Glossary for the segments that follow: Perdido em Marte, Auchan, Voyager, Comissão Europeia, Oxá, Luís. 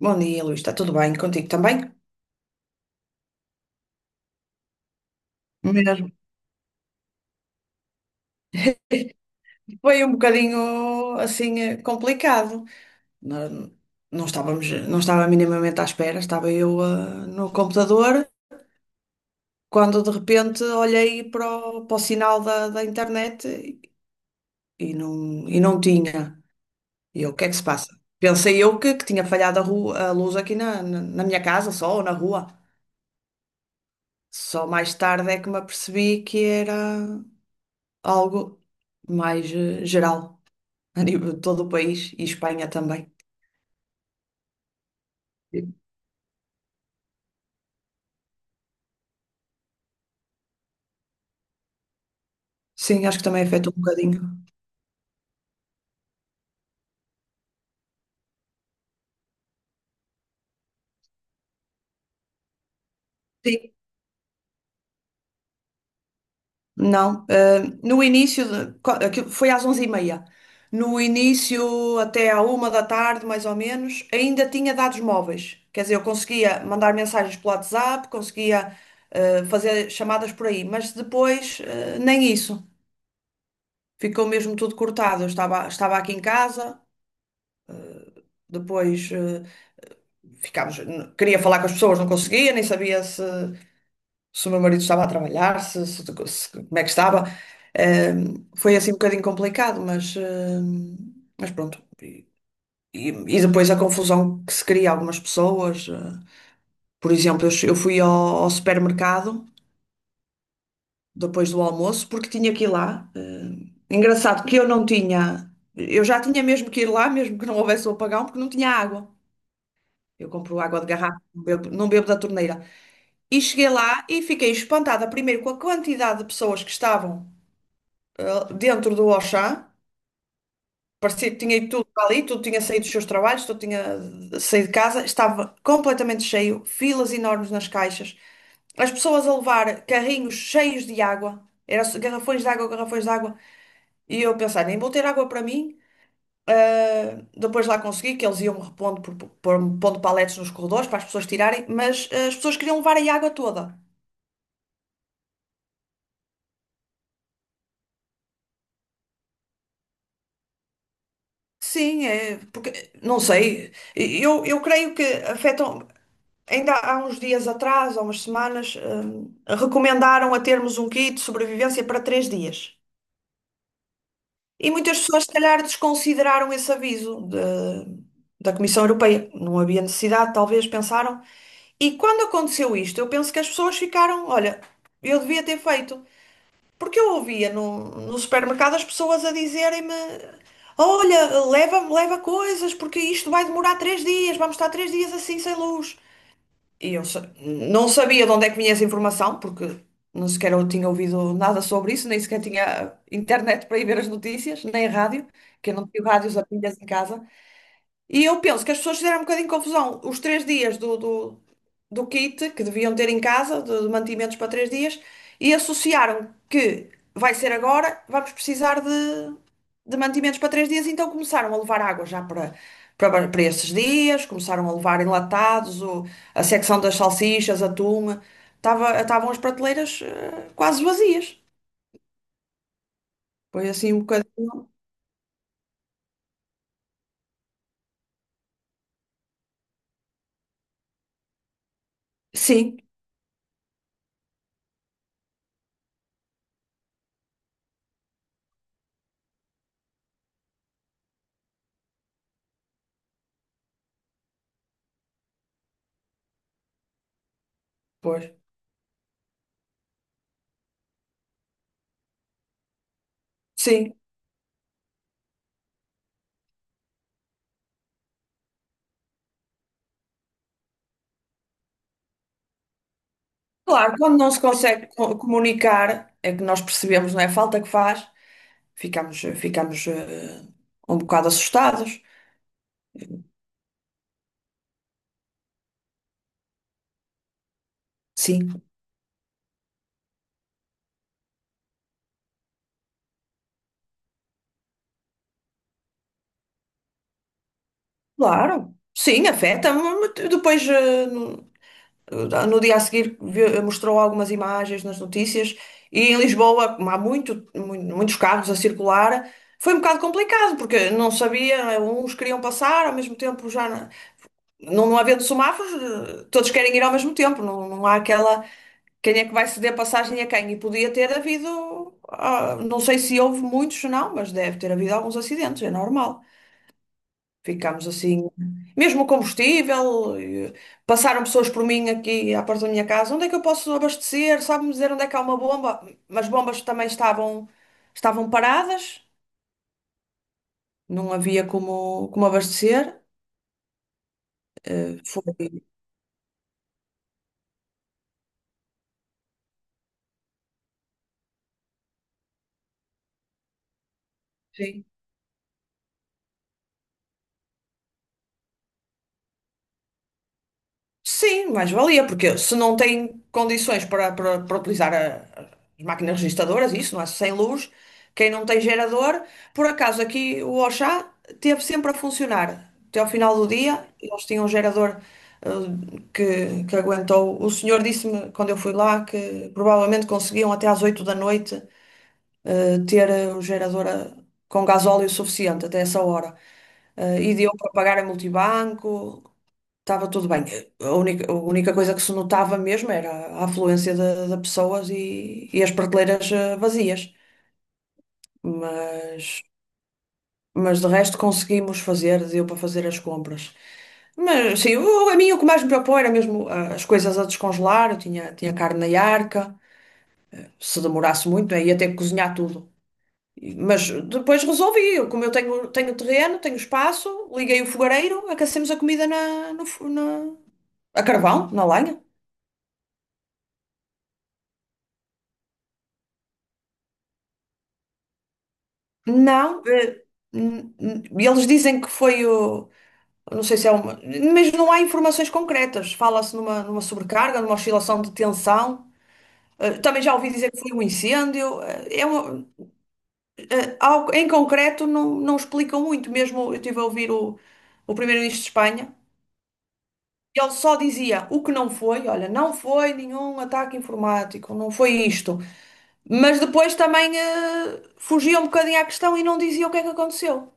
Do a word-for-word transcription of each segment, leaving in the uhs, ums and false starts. Bom dia, Luís. Está tudo bem contigo também? Mesmo. Foi um bocadinho assim eh, complicado. Não, não estávamos, não estava minimamente à espera. Estava eu ah, no computador quando de repente olhei para o, para o sinal da, da internet e não, e não tinha. E eu, o que é que se passa? Pensei eu que, que tinha falhado a, ru- a luz aqui na, na, na minha casa só ou na rua. Só mais tarde é que me apercebi que era algo mais eh, geral a nível de todo o país e Espanha também. Sim, acho que também afeta um bocadinho. Sim, não. Eh, no início, de- co- aquilo foi às onze e meia. No início, até à uma da tarde, mais ou menos, ainda tinha dados móveis. Quer dizer, eu conseguia mandar mensagens pelo WhatsApp, conseguia eh, fazer chamadas por aí, mas depois eh, nem isso. Ficou mesmo tudo cortado. Eu estava, estava aqui em casa, depois eh, ficámos, n- queria falar com as pessoas, não conseguia, nem sabia se, se o meu marido estava a trabalhar, se, se- se- como é que estava. Ehm, foi assim um bocadinho complicado, mas, ehm, mas pronto. E, e- e depois a confusão que se cria a algumas pessoas. Eh, por exemplo, eu, che- eu fui ao, ao supermercado depois do almoço porque tinha que ir lá. Ehm, engraçado que eu não tinha. Eu já tinha mesmo que ir lá, mesmo que não houvesse o apagão, porque não tinha água. Eu compro água de garrafa, não bebo, não bebo da torneira. E cheguei lá e fiquei espantada, primeiro com a quantidade de pessoas que estavam eh, dentro do Auchan, parecia que tinha ido tudo para ali, tudo tinha saído dos seus trabalhos, tudo tinha eh, saído de casa, estava completamente cheio, filas enormes nas caixas, as pessoas a levar carrinhos cheios de água, eram garrafões de água, garrafões de água, e eu a pensar, nem vou ter água para mim. Uh, depois lá consegui que eles iam repondo, por, por, pondo paletes nos corredores para as pessoas tirarem, mas uh, as pessoas queriam levar a água toda. Sim, é, porque, não sei, eu, eu creio que afetam. Ainda há uns dias atrás, há umas semanas, hum, recomendaram a termos um kit de sobrevivência para três dias. E muitas pessoas, se calhar, desconsideraram esse aviso de- da Comissão Europeia. Não havia necessidade, talvez, pensaram. E quando aconteceu isto, eu penso que as pessoas ficaram, olha, eu devia ter feito. Porque eu ouvia no, no supermercado as pessoas a dizerem-me, olha, leva leva coisas, porque isto vai demorar três dias, vamos estar três dias assim sem luz. E eu sa- não sabia de onde é que vinha essa informação, porque não sequer eu tinha ouvido nada sobre isso, nem sequer tinha internet para ir ver as notícias, nem rádio, que eu não tinha rádios a pilhas em casa. E eu penso que as pessoas fizeram um bocadinho de confusão. Os três dias do, do, do kit que deviam ter em casa, de, de mantimentos para três dias, e associaram que vai ser agora, vamos precisar de, de mantimentos para três dias, então começaram a levar água já para, para, para esses dias, começaram a levar enlatados, o, a secção das salsichas, atum, tava, estavam as prateleiras eh, quase vazias. Foi assim um bocadinho. Sim, pois. Sim. Claro, quando não se consegue co- comunicar, é que nós percebemos, não é? A falta que faz, ficamos, ficamos eh, um bocado assustados. Sim, claro, sim, afeta-me. Mas depois, eh, no, no dia a seguir, vi- mostrou algumas imagens nas notícias e em Lisboa, como há muito, mu- muitos carros a circular, foi um bocado complicado, porque não sabia, uns queriam passar, ao mesmo tempo já. Não, não havendo semáforos, eh, todos querem ir ao mesmo tempo. Não, não há aquela. Quem é que vai ceder passagem a quem? E podia ter havido. Ah, não sei se houve muitos, não, mas deve ter havido alguns acidentes, é normal. Ficámos assim. Mesmo o combustível, eh, passaram pessoas por mim aqui à porta da minha casa. Onde é que eu posso abastecer? Sabe-me dizer onde é que há uma bomba? Mas bombas também estavam, estavam paradas, não havia como, como abastecer. Foi. Sim. Sim, mais valia, porque se não tem condições para, para, para utilizar a- as máquinas registadoras, isso, não é? Sem luz, quem não tem gerador, por acaso aqui o Oxá teve sempre a funcionar. Até ao final do dia, eles tinham um gerador eh, que, que aguentou. O senhor disse-me, quando eu fui lá, que provavelmente conseguiam até às oito da noite eh, ter eh, o gerador eh, com gasóleo suficiente até essa hora. Eh, e deu para pagar a multibanco. Estava tudo bem. A única, a única coisa que se notava mesmo era a afluência de, de pessoas e, e as prateleiras eh, vazias. Mas, mas de resto conseguimos fazer, deu para fazer as compras. Mas sim, o- a mim o que mais me preocupou era mesmo ah, as coisas a descongelar. Eu tinha, tinha carne na arca. Se demorasse muito, aí ia ter que cozinhar tudo. E- Mas depois resolvi. Eu, como eu tenho, tenho terreno, tenho espaço, liguei o fogareiro, aquecemos a comida na, no, fo- na, a carvão, na lenha. Não, eh, n- n- eles dizem que foi o. Não sei se é uma. Mas não há informações concretas. Fala-se numa, numa sobrecarga, numa oscilação de tensão. Eh, Também já ouvi dizer que foi um incêndio. Eh, É uma- eh, ao- em concreto, não, não explicam muito. Mesmo eu estive a ouvir o, o primeiro-ministro de Espanha. E ele só dizia o que não foi, olha, não foi nenhum ataque informático, não foi isto. Mas depois também eh, fugia um bocadinho à questão e não dizia o que é que aconteceu.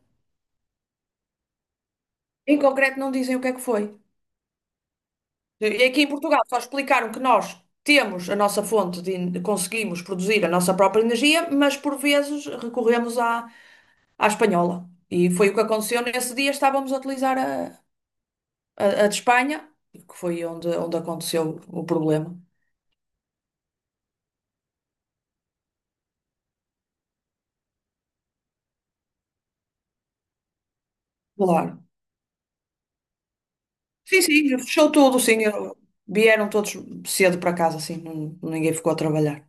Em concreto não dizem o que é que foi. E aqui em Portugal só explicaram que nós temos a nossa fonte de en- conseguimos produzir a nossa própria energia, mas por vezes recorremos à, à espanhola. E foi o que aconteceu nesse dia, estávamos a utilizar a, a, a de Espanha, que foi onde, onde aconteceu o problema. Claro. Sim, sim, fechou tudo, sim. eu- Vieram todos cedo para casa, assim, não- ninguém ficou a trabalhar.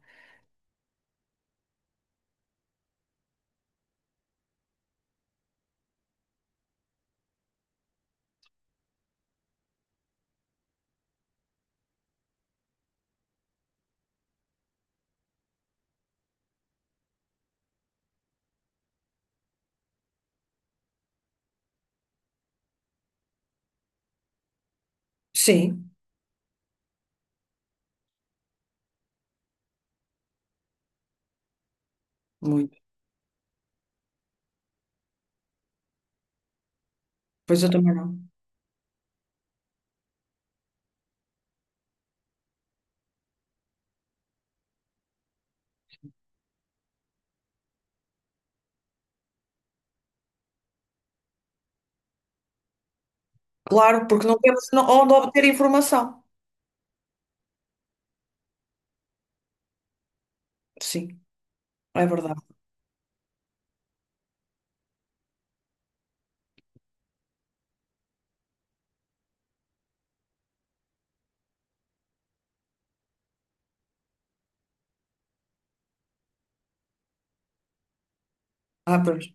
Sim, muito. Pois eu também não. Claro, porque não temos no- onde obter informação. Sim. É verdade. Ah, pois.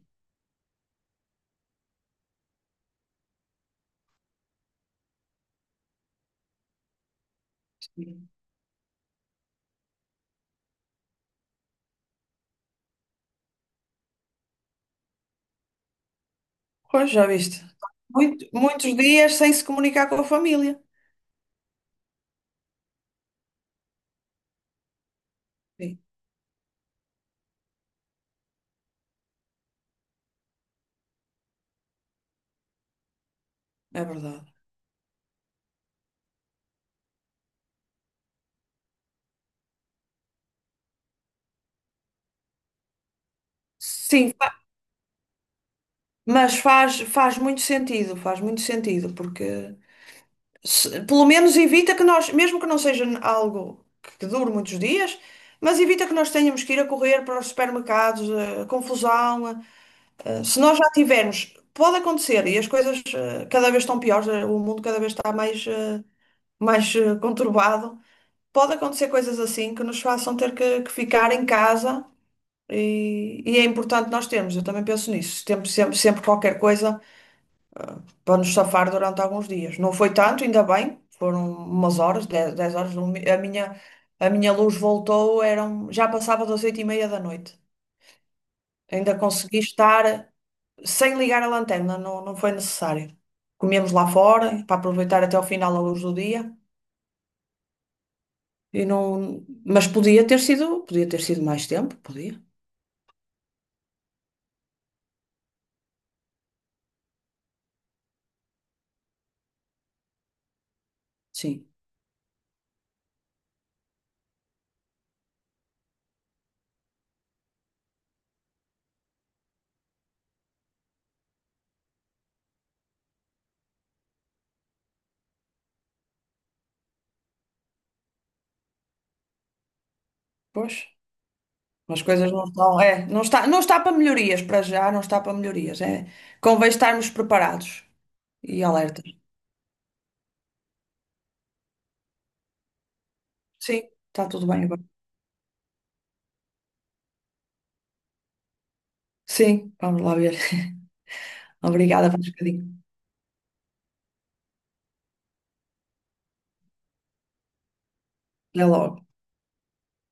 Pois, já viste. Muito- muitos dias sem se comunicar com a família. Sim, é verdade. Sim, fa- mas faz, faz muito sentido, faz muito sentido, porque se- pelo menos evita que nós, mesmo que não seja n- algo que dure muitos dias, mas evita que nós tenhamos que ir a correr para os supermercados, a confusão. A- a- se nós já tivermos, pode acontecer, e as coisas eh, cada vez estão piores, eh, o mundo cada vez está mais, eh, mais eh, conturbado. Pode acontecer coisas assim que nos façam ter que, que ficar em casa e, e é importante nós termos, eu também penso nisso, temos sempre, sempre qualquer coisa para nos safar durante alguns dias. Não foi tanto, ainda bem, foram umas horas, dez 10 horas, o mi- a minha, a minha luz voltou, eram, já passava das oito e meia da noite. Ainda consegui estar sem ligar a lanterna, não, não foi necessário. Comemos lá fora para aproveitar até o final a luz do dia. E não, mas podia ter sido, podia ter sido mais tempo, podia, sim. Pois, as coisas não estão, é, não está, não está para melhorias para já, não está para melhorias, é. Convém estarmos preparados e alertas. Sim, está tudo bem agora. Sim, vamos lá ver. Obrigada por um bocadinho. Até logo.